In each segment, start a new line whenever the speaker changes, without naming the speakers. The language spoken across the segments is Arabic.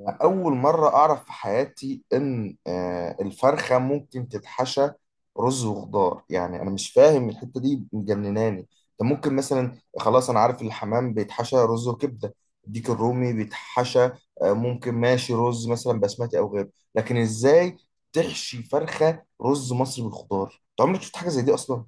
أنا أول مرة أعرف في حياتي إن الفرخة ممكن تتحشى رز وخضار. يعني أنا مش فاهم الحتة دي، مجنناني. أنت ممكن مثلا، خلاص أنا عارف الحمام بيتحشى رز وكبدة، الديك الرومي بيتحشى، ممكن ماشي رز مثلا بسمتي أو غيره، لكن إزاي تحشي فرخة رز مصري بالخضار؟ أنت عمرك شفت حاجة زي دي أصلا؟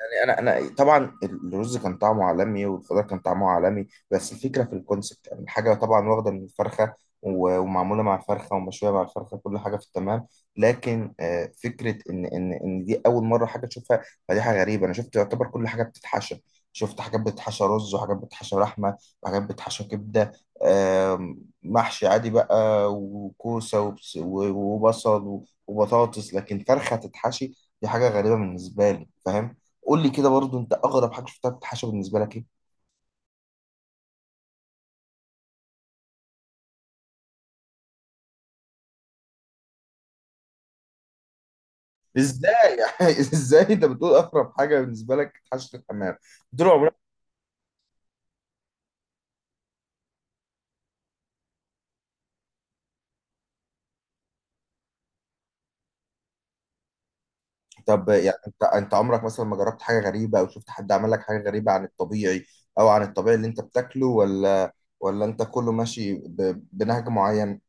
يعني انا طبعا الرز كان طعمه عالمي والخضار كان طعمه عالمي، بس الفكره في الكونسبت. يعني الحاجه طبعا واخده من الفرخه ومعموله مع الفرخه ومشويه مع الفرخه، كل حاجه في التمام. لكن فكره ان دي اول مره حاجه تشوفها. فدي حاجه غريبه. انا شفت يعتبر كل حاجه بتتحشى، شفت حاجات بتتحشى رز، وحاجات بتتحشى لحمه، وحاجات بتتحشى كبده، محشي عادي بقى وكوسه وبصل وبطاطس، لكن فرخه تتحشي، دي حاجه غريبه بالنسبه لي، فاهم؟ قول لي كده برضو، انت اغرب حاجه شفتها بتتحشى بالنسبه لك ايه؟ ازاي يعني؟ ازاي انت بتقول اغرب حاجه بالنسبه لك تحشي الحمام؟ طول عمرك. طب يعني، انت عمرك مثلا ما جربت حاجه غريبه، او شفت حد عمل لك حاجه غريبه عن الطبيعي، او عن الطبيعي اللي انت بتاكله؟ ولا انت كله ماشي بنهج معين؟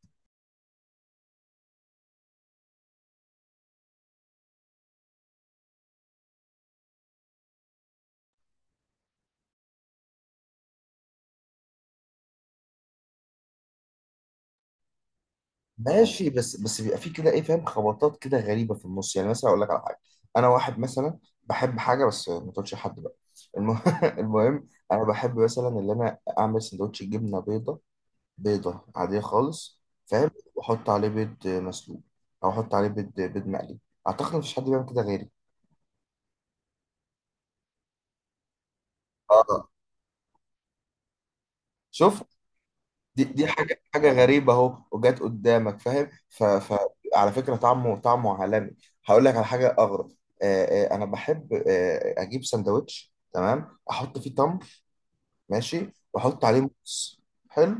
ماشي، بس بيبقى في كده ايه، فاهم، خبطات كده غريبه في النص. يعني مثلا اقول لك على حاجه، انا واحد مثلا بحب حاجه، بس ما تقولش لحد بقى. الم... المهم، انا بحب مثلا ان انا اعمل سندوتش جبنه بيضه، بيضة عادية خالص، فاهم، وأحط عليه بيض مسلوق، أو أحط عليه بيض مقلي. أعتقد مفيش حد بيعمل كده غيري. آه، شفت، دي حاجة غريبة أهو وجت قدامك، فاهم، ف... ف على فكرة طعمه عالمي. هقول لك على حاجة أغرب. آه أنا بحب أجيب سندوتش، تمام، أحط فيه تمر، ماشي، واحط عليه موز، حلو،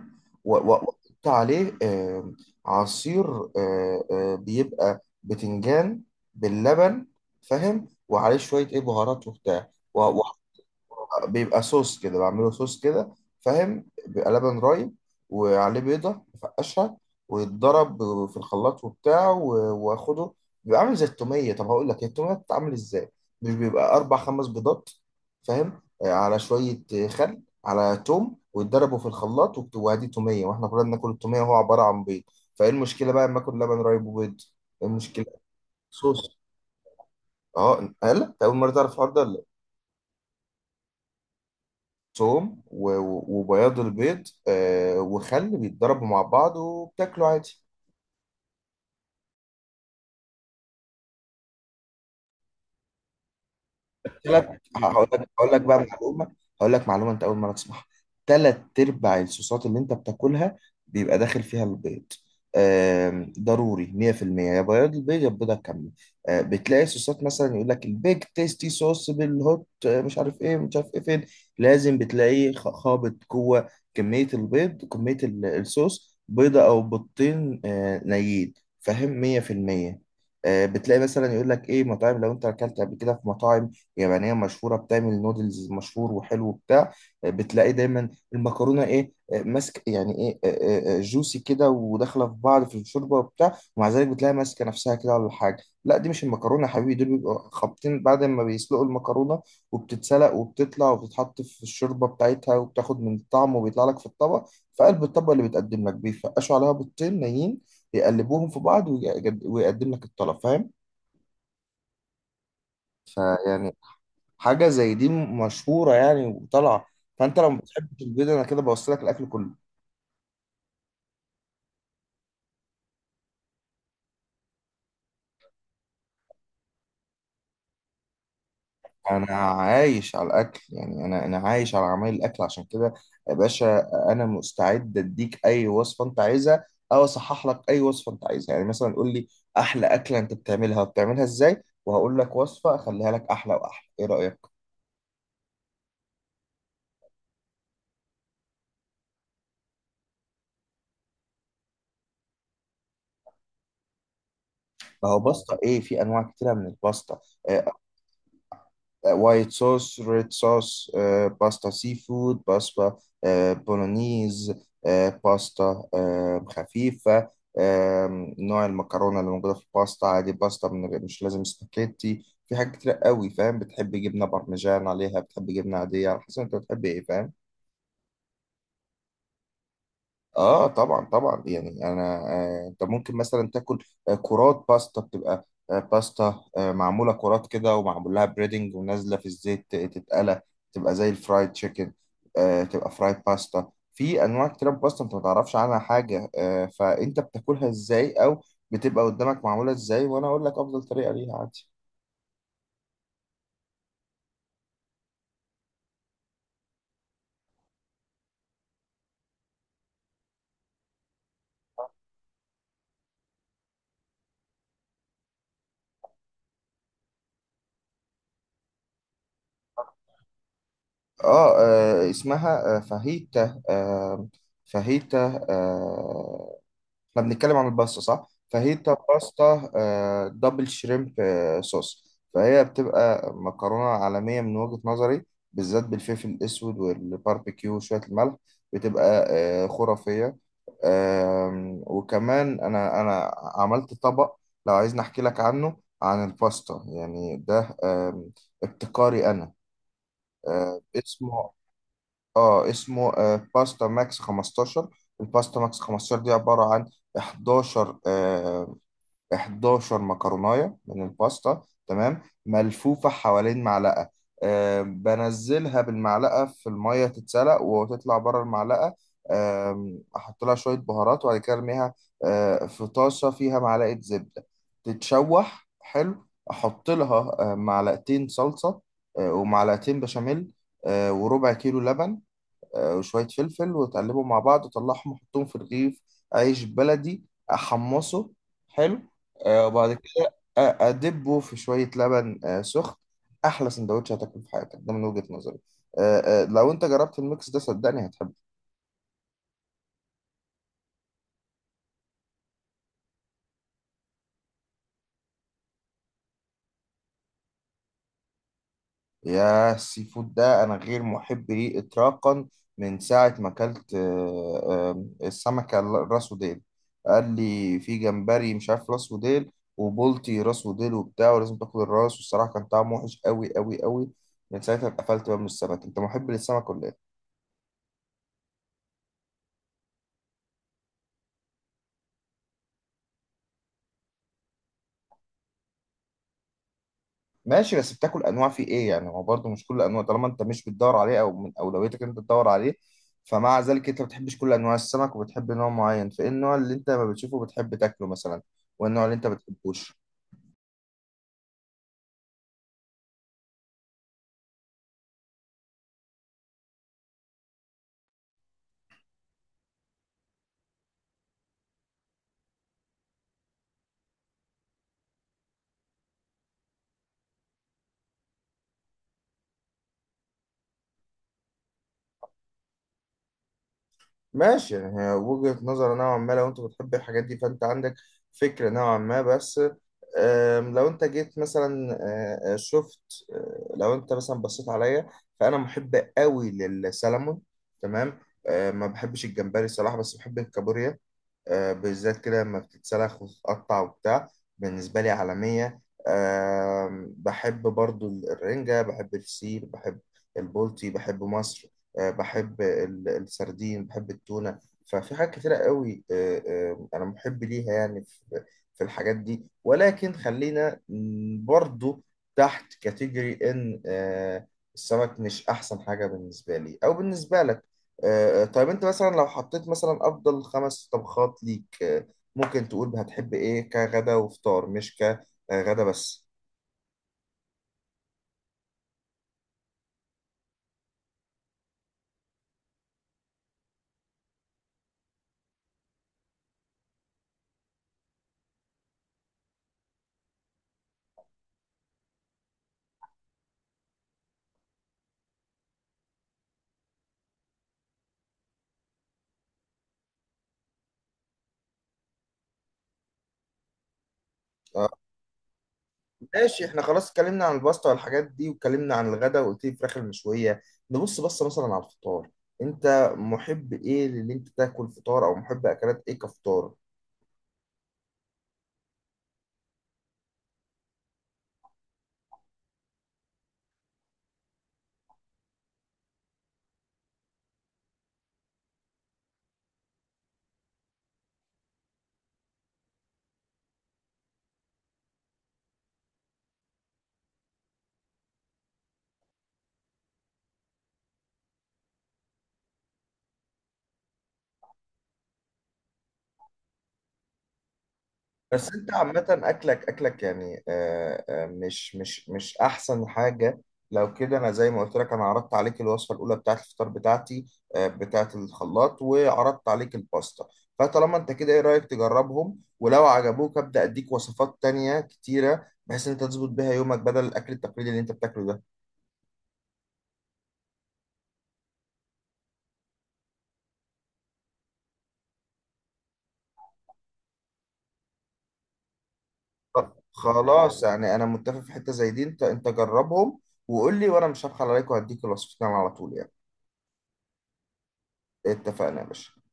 واحط عليه عصير، بيبقى بتنجان باللبن، فاهم، وعليه شويه ايه بهارات وبتاع. بيبقى صوص كده، بعمله صوص كده، فاهم. بيبقى لبن رايب وعليه بيضة بفقشها، ويتضرب في الخلاط وبتاع واخده. بيبقى عامل زي التومية. طب هقول لك، هي التومية بتتعمل ازاي؟ مش بيبقى أربع خمس بيضات، فاهم، على شوية، خل على توم، ويتضربوا في الخلاط وادي تومية. واحنا كلنا بناكل التومية، وهو عبارة عن بيض. فايه المشكلة بقى لما اكل لبن رايب وبيض؟ إيه المشكلة؟ صوص. اه، قال، أنت أول مرة تعرف الحوار ده ولا؟ ثوم وبياض البيض وخل، بيتضربوا مع بعض وبتاكلوا عادي. ثلاث. هقول لك بقى معلومه، هقول لك معلومه انت اول مره تسمعها. ثلاث ارباع الصوصات اللي انت بتاكلها بيبقى داخل فيها البيض. ضروري 100% يا بياض البيض يا البيضه كامله. بتلاقي صوصات مثلا يقول لك البيج تيستي صوص بالهوت، مش عارف ايه مش عارف ايه، فين لازم بتلاقيه خابط جوه كميه البيض، كميه الصوص بيضه او بيضتين نيين، فاهم، 100%. بتلاقي مثلا يقول لك ايه، مطاعم، لو انت اكلت قبل كده في مطاعم يابانية مشهورة بتعمل نودلز مشهور وحلو بتاع بتلاقي دايما المكرونة ايه، ماسك يعني ايه، جوسي كده وداخلة في بعض في الشوربة وبتاع، ومع ذلك بتلاقي ماسكة نفسها كده ولا حاجة. لا، دي مش المكرونة يا حبيبي، دول بيبقوا خابطين. بعد ما بيسلقوا المكرونة وبتتسلق وبتطلع وبتتحط في الشوربة بتاعتها وبتاخد من الطعم، وبيطلع لك في الطبق، في قلب الطبق اللي بيتقدم لك، بيفقشوا عليها بيضتين نيين، يقلبوهم في بعض، ويقدم لك الطلب، فاهم؟ فيعني حاجة زي دي مشهورة يعني وطالعة. فأنت لو ما بتحبش البيض، أنا كده بوصل لك الأكل كله. أنا عايش على الأكل. يعني أنا عايش على عمايل الأكل، عشان كده يا باشا أنا مستعد أديك أي وصفة أنت عايزها، أو أصحح لك أي وصفة أنت عايزها. يعني مثلا قول لي أحلى أكلة أنت بتعملها وبتعملها إزاي، وهقول لك وصفة أخليها لك أحلى وأحلى. إيه رأيك؟ ما هو باستا إيه، في أنواع كتيرة من الباستا، آه، وايت صوص، ريد صوص، باستا سي فود، باستا بولونيز، باستا خفيفة، نوع المكرونة اللي موجودة في الباستا عادي، باستا من غير، مش لازم سباكيتي، في حاجات كتير قوي، فاهم. بتحب جبنة بارميجان عليها، بتحب جبنة عادية، على حسب انت بتحب ايه، فاهم. اه طبعا طبعا. يعني انا انت ممكن مثلا تاكل كرات باستا، بتبقى باستا معموله كرات كده ومعمول لها بريدنج ونازله في الزيت تتقلى، تبقى زي الفرايد تشيكن، تبقى فرايد باستا. في انواع كتير من باستا انت ما تعرفش عنها حاجه. فانت بتاكلها ازاي، او بتبقى قدامك معموله ازاي، وانا اقول لك افضل طريقه ليها عادي. اسمها فاهيتا. فاهيتا. احنا بنتكلم عن الباستا صح؟ فاهيتا باستا دبل شريمب صوص، فهي بتبقى مكرونة عالمية من وجهة نظري، بالذات بالفلفل الأسود والباربيكيو وشوية الملح. بتبقى خرافية. وكمان أنا عملت طبق، لو عايزني أحكي لك عنه عن الباستا، يعني ده ابتكاري أنا، اسمه، اه اسمه باستا ماكس 15. الباستا ماكس 15 دي عبارة عن 11، 11 مكروناية من الباستا، تمام، ملفوفة حوالين معلقة. بنزلها بالمعلقة في المية، تتسلق وتطلع بره المعلقة. أحط لها شوية بهارات، وبعد كده أرميها في طاسة فيها معلقة زبدة، تتشوح، حلو. أحط لها معلقتين صلصة ومعلقتين بشاميل وربع كيلو لبن وشوية فلفل، وتقلبهم مع بعض وطلعهم وحطهم في رغيف عيش بلدي أحمصه، حلو، وبعد كده أدبه في شوية لبن سخن. أحلى سندوتش هتاكله في حياتك ده من وجهة نظري. لو أنت جربت الميكس ده صدقني هتحبه. يا، السي فود ده انا غير محب ليه اطلاقا. من ساعه ما اكلت السمكه راس وديل، قال لي في جمبري مش عارف راس وديل، وبولتي راس وديل وبتاع، ولازم تاكل الراس، والصراحه كان طعمه وحش قوي قوي قوي. من ساعتها اتقفلت بقى من السمك. انت محب للسمك ولا ايه؟ ماشي، بس بتاكل انواع في ايه يعني؟ هو برضه مش كل انواع، طالما انت مش بتدور عليه، او من اولويتك انت تدور عليه، فمع ذلك انت ما بتحبش كل انواع السمك، وبتحب نوع معين. فايه النوع اللي انت ما بتشوفه بتحب تاكله مثلا، والنوع اللي انت ما بتحبوش؟ ماشي، يعني هي وجهة نظر نوعا ما. لو انت بتحب الحاجات دي، فانت عندك فكرة نوعا ما. بس لو انت جيت مثلا شفت آه، لو انت مثلا بصيت عليا، فانا محب قوي للسلمون، تمام. ما بحبش الجمبري الصراحة، بس بحب الكابوريا، بالذات كده لما بتتسلخ وتتقطع وبتاع، بالنسبة لي عالمية. بحب برضو الرنجة، بحب الفسيخ، بحب البولتي، بحب مصر، بحب السردين، بحب التونة. ففي حاجات كتيرة قوي أنا محب ليها، يعني في الحاجات دي، ولكن خلينا برضو تحت كاتيجوري إن السمك مش أحسن حاجة بالنسبة لي أو بالنسبة لك. طيب انت مثلا، لو حطيت مثلا افضل خمس طبخات ليك، ممكن تقول هتحب ايه كغدا وفطار، مش كغدا بس. آه، ماشي، احنا خلاص اتكلمنا عن الباستا والحاجات دي، واتكلمنا عن الغدا، وقلت لي الفراخ المشوية. نبص مثلا على الفطار، انت محب ايه اللي انت تاكل فطار، او محب اكلات ايه كفطار؟ بس انت عامة اكلك يعني مش احسن حاجة. لو كده، انا زي ما قلت لك، انا عرضت عليك الوصفة الاولى بتاعت الفطار بتاعتي، بتاعت الخلاط، وعرضت عليك الباستا. فطالما انت كده، ايه رأيك تجربهم؟ ولو عجبوك ابدأ اديك وصفات تانية كتيرة، بحيث ان انت تظبط بيها يومك بدل الاكل التقليدي اللي انت بتاكله ده. خلاص، يعني انا متفق، في حتة زي دي انت جربهم وقول لي، وانا مش هبخل عليك، وهديك الوصفتين على طول يعني. اتفقنا يا باشا.